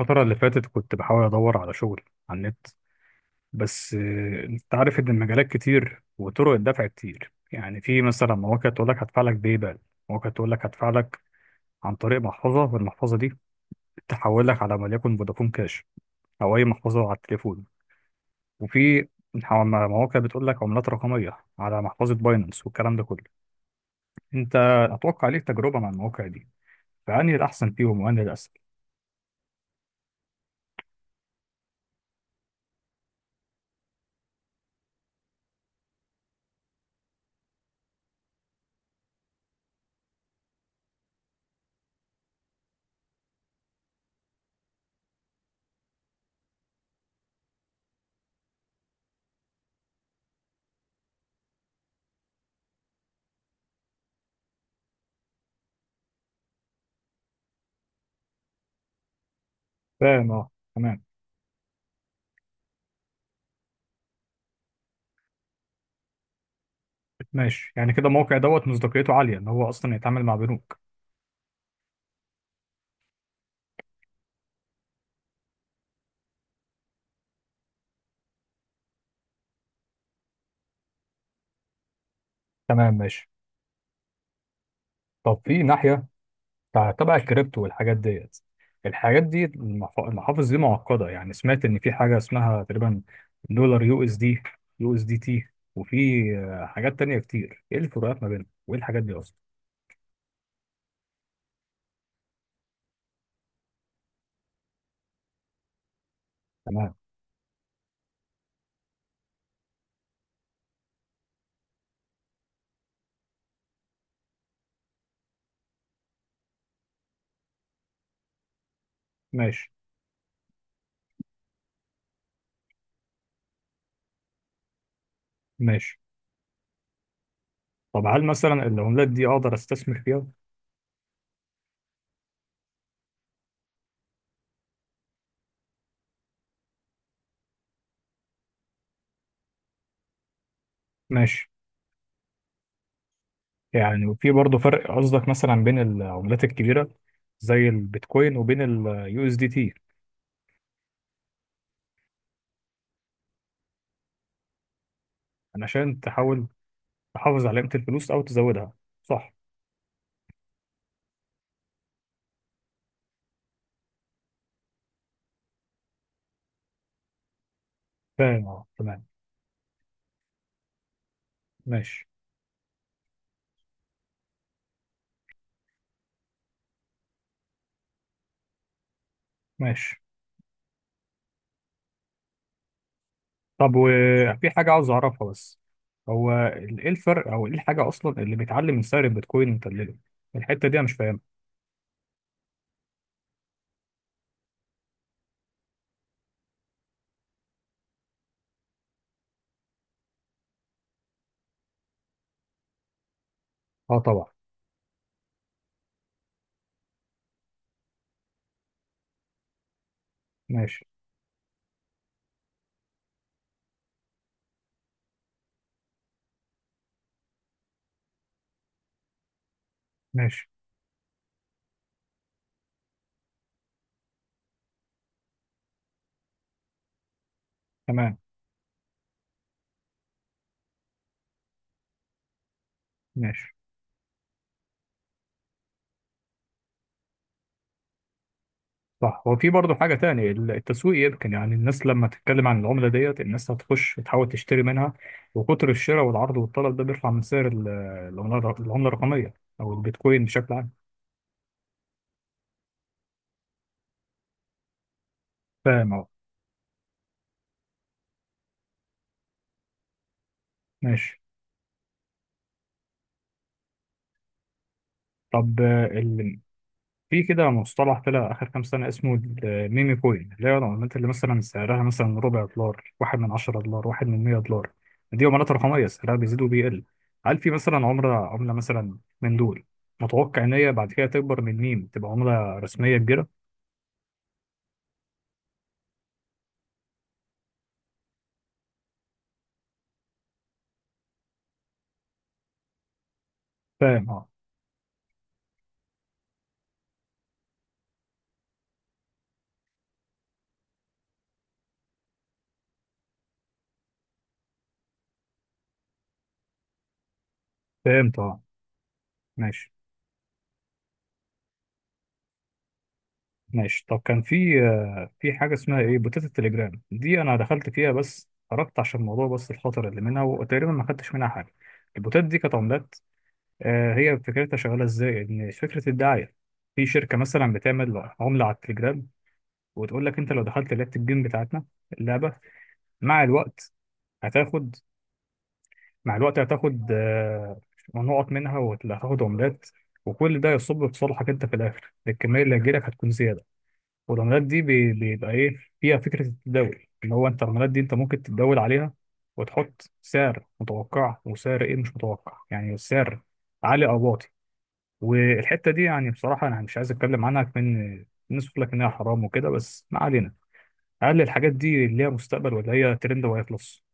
الفترة اللي فاتت كنت بحاول أدور على شغل على النت. بس أنت عارف إن المجالات كتير وطرق الدفع كتير. يعني في مثلا مواقع تقول لك هدفع لك باي بال، مواقع تقول لك هدفع لك عن طريق محفظة، والمحفظة دي تحول لك على وليكن فودافون كاش أو أي محفظة على التليفون. وفي مواقع بتقول لك عملات رقمية على محفظة باينانس والكلام ده كله. أنت أتوقع ليك تجربة مع المواقع دي، فأنهي الأحسن فيهم وأنهي الأسهل؟ فاهم، أه، تمام. ماشي، يعني كده الموقع دوت مصداقيته عالية ان هو اصلا يتعامل مع بنوك. تمام ماشي. طب في ناحية تبع الكريبتو والحاجات ديت. الحاجات دي المحافظ دي معقدة. يعني سمعت ان في حاجة اسمها تقريبا دولار يو اس دي، يو اس دي تي، وفي حاجات تانية كتير. ايه الفروقات ما بينهم وايه الحاجات دي اصلا؟ تمام ماشي. ماشي طب هل مثلا العملات دي اقدر استثمر فيها؟ ماشي. يعني وفي برضه فرق قصدك مثلا بين العملات الكبيرة زي البيتكوين وبين اليو اس دي تي؟ عشان تحاول تحافظ على قيمة الفلوس أو تزودها. صح. فاهم، اه، تمام ماشي. ماشي طب وفي حاجة عاوز أعرفها بس. هو إيه الفرق أو إيه الحاجة أصلا اللي بيتعلم من سعر البيتكوين ومدلله؟ الحتة دي أنا مش فاهمها. أه طبعا. ماشي. ماشي. تمام. ماشي. صح. هو في برضه حاجة تانية، التسويق. يمكن يعني الناس لما تتكلم عن العملة ديت الناس هتخش تحاول تشتري منها، وكتر الشراء والعرض والطلب ده بيرفع من سعر العملة العملة الرقمية أو البيتكوين بشكل عام. فاهم أه. ماشي. طب في كده مصطلح طلع آخر كام سنة اسمه الميمي كوين، اللي هي العملات اللي مثلا سعرها مثلا ربع دولار، واحد من 10 دولار، واحد من 100 دولار. دي عملات رقمية سعرها بيزيد وبيقل. هل في مثلا عملة مثلا من دول متوقع إن هي بعد كده تكبر من ميم تبقى عملة رسمية كبيرة؟ فاهم اه. فهمت اه. ماشي. ماشي. طب كان في في حاجة اسمها ايه، بوتات التليجرام دي. أنا دخلت فيها بس خرجت عشان الموضوع بس الخطر اللي منها، وتقريبا ما خدتش منها حاجة. البوتات دي كانت عملات. هي فكرتها شغاله ازاي؟ ان فكره الدعايه، في شركه مثلا بتعمل عمله على التليجرام وتقول لك انت لو دخلت لعبه الجيم بتاعتنا، اللعبه مع الوقت هتاخد هتاخد نقط منها وهتاخد عملات، وكل ده يصب في صالحك انت في الاخر. الكميه اللي هتجيلك هتكون زياده، والعملات دي بيبقى ايه فيها فكره التداول، ان هو انت العملات دي انت ممكن تتداول عليها وتحط سعر متوقع وسعر ايه مش متوقع، يعني سعر عالي او واطي. والحته دي يعني بصراحه انا مش عايز اتكلم عنها كمان، الناس بتقول لك انها حرام وكده بس ما علينا. هل الحاجات دي ليها مستقبل ولا هي ترند وهيخلص؟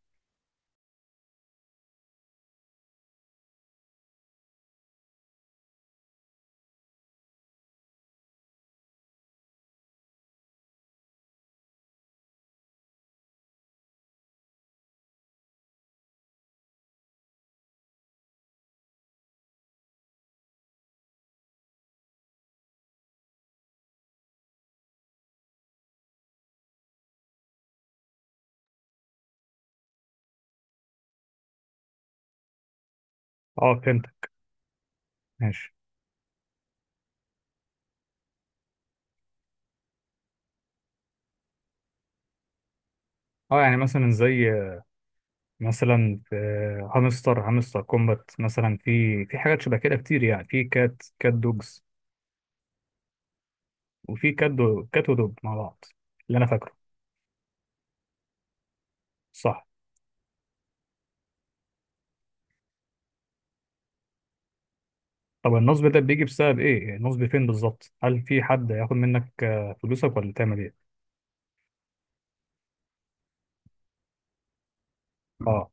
اه فهمت. ماشي اه. يعني مثلا زي مثلا هامستر كومبات مثلا. في حاجات شبه كده كتير، يعني في كات دوجز، وفي كات دو كات ودوج مع بعض اللي انا فاكره. صح. طب النصب ده بيجي بسبب ايه؟ النصب فين بالظبط؟ هل في حد هياخد منك فلوسك ولا تعمل ايه؟ اه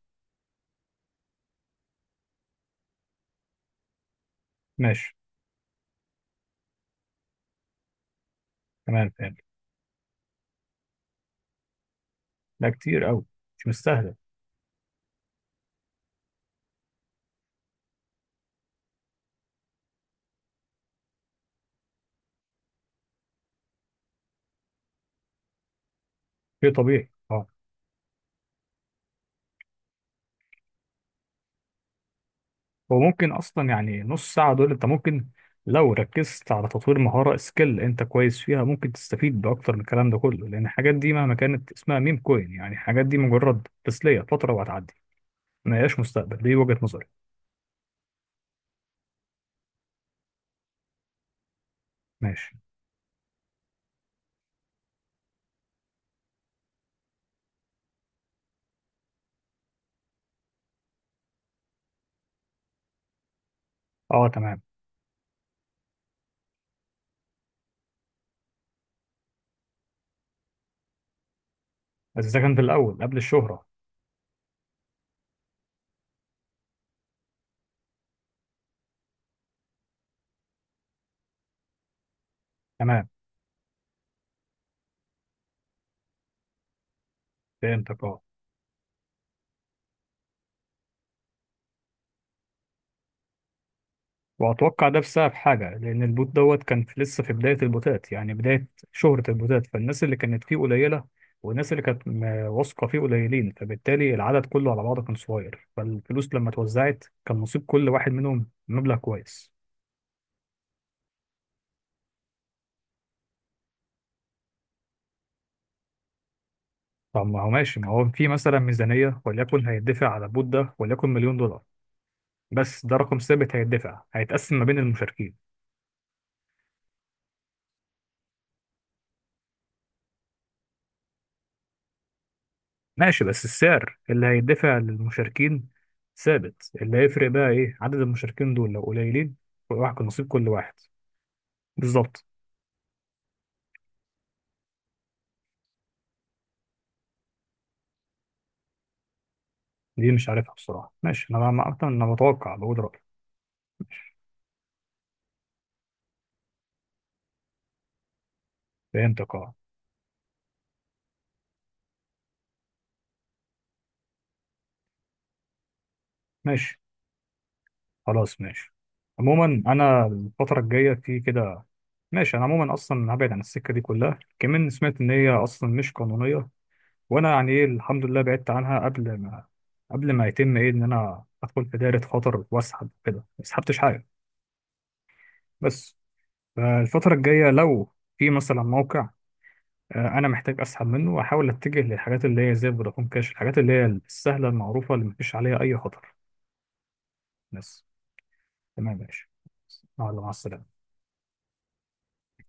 ماشي. تمام فهمت. لا كتير قوي. مش مستاهله. شيء طبيعي اه. هو ممكن اصلا يعني نص ساعه دول انت ممكن لو ركزت على تطوير مهاره سكيل انت كويس فيها ممكن تستفيد باكتر من الكلام ده كله. لان الحاجات دي مهما كانت اسمها ميم كوين، يعني الحاجات دي مجرد تسليه فتره وهتعدي، ما هياش مستقبل. دي وجهه نظري. ماشي اه تمام. بس ده كان في الاول قبل الشهره. تمام فهمتك اه. وأتوقع ده بسبب حاجة، لأن البوت دوت كان في لسه في بداية البوتات، يعني بداية شهرة البوتات، فالناس اللي كانت فيه قليلة، والناس اللي كانت واثقة فيه قليلين، فبالتالي العدد كله على بعضه كان صغير، فالفلوس لما اتوزعت كان نصيب كل واحد منهم مبلغ كويس. طب ما هو ماشي ما هو في مثلا ميزانية وليكن هيدفع على البوت ده وليكن مليون دولار. بس ده رقم ثابت هيدفع، هيتقسم ما بين المشاركين. ماشي. بس السعر اللي هيدفع للمشاركين ثابت، اللي هيفرق بقى ايه؟ عدد المشاركين دول لو قليلين، واحد نصيب كل واحد. بالظبط. دي مش عارفها بصراحة ماشي. انا ما اصلا انا بتوقع بقول رأيي. ماشي. فهمتك اه. ماشي خلاص ماشي. عموما انا الفترة الجاية في كده. ماشي. انا عموما اصلا هبعد عن السكة دي كلها، كمان سمعت ان هي اصلا مش قانونية، وانا يعني ايه الحمد لله بعدت عنها قبل ما، قبل ما يتم ايه، ان انا ادخل في دايرة خطر، واسحب كده ما سحبتش حاجة. بس الفترة الجاية لو في مثلا موقع أنا محتاج أسحب منه، وأحاول أتجه للحاجات اللي هي زي فودافون كاش، الحاجات اللي هي السهلة المعروفة اللي مفيش عليها أي خطر. بس. تمام ماشي. مع السلامة.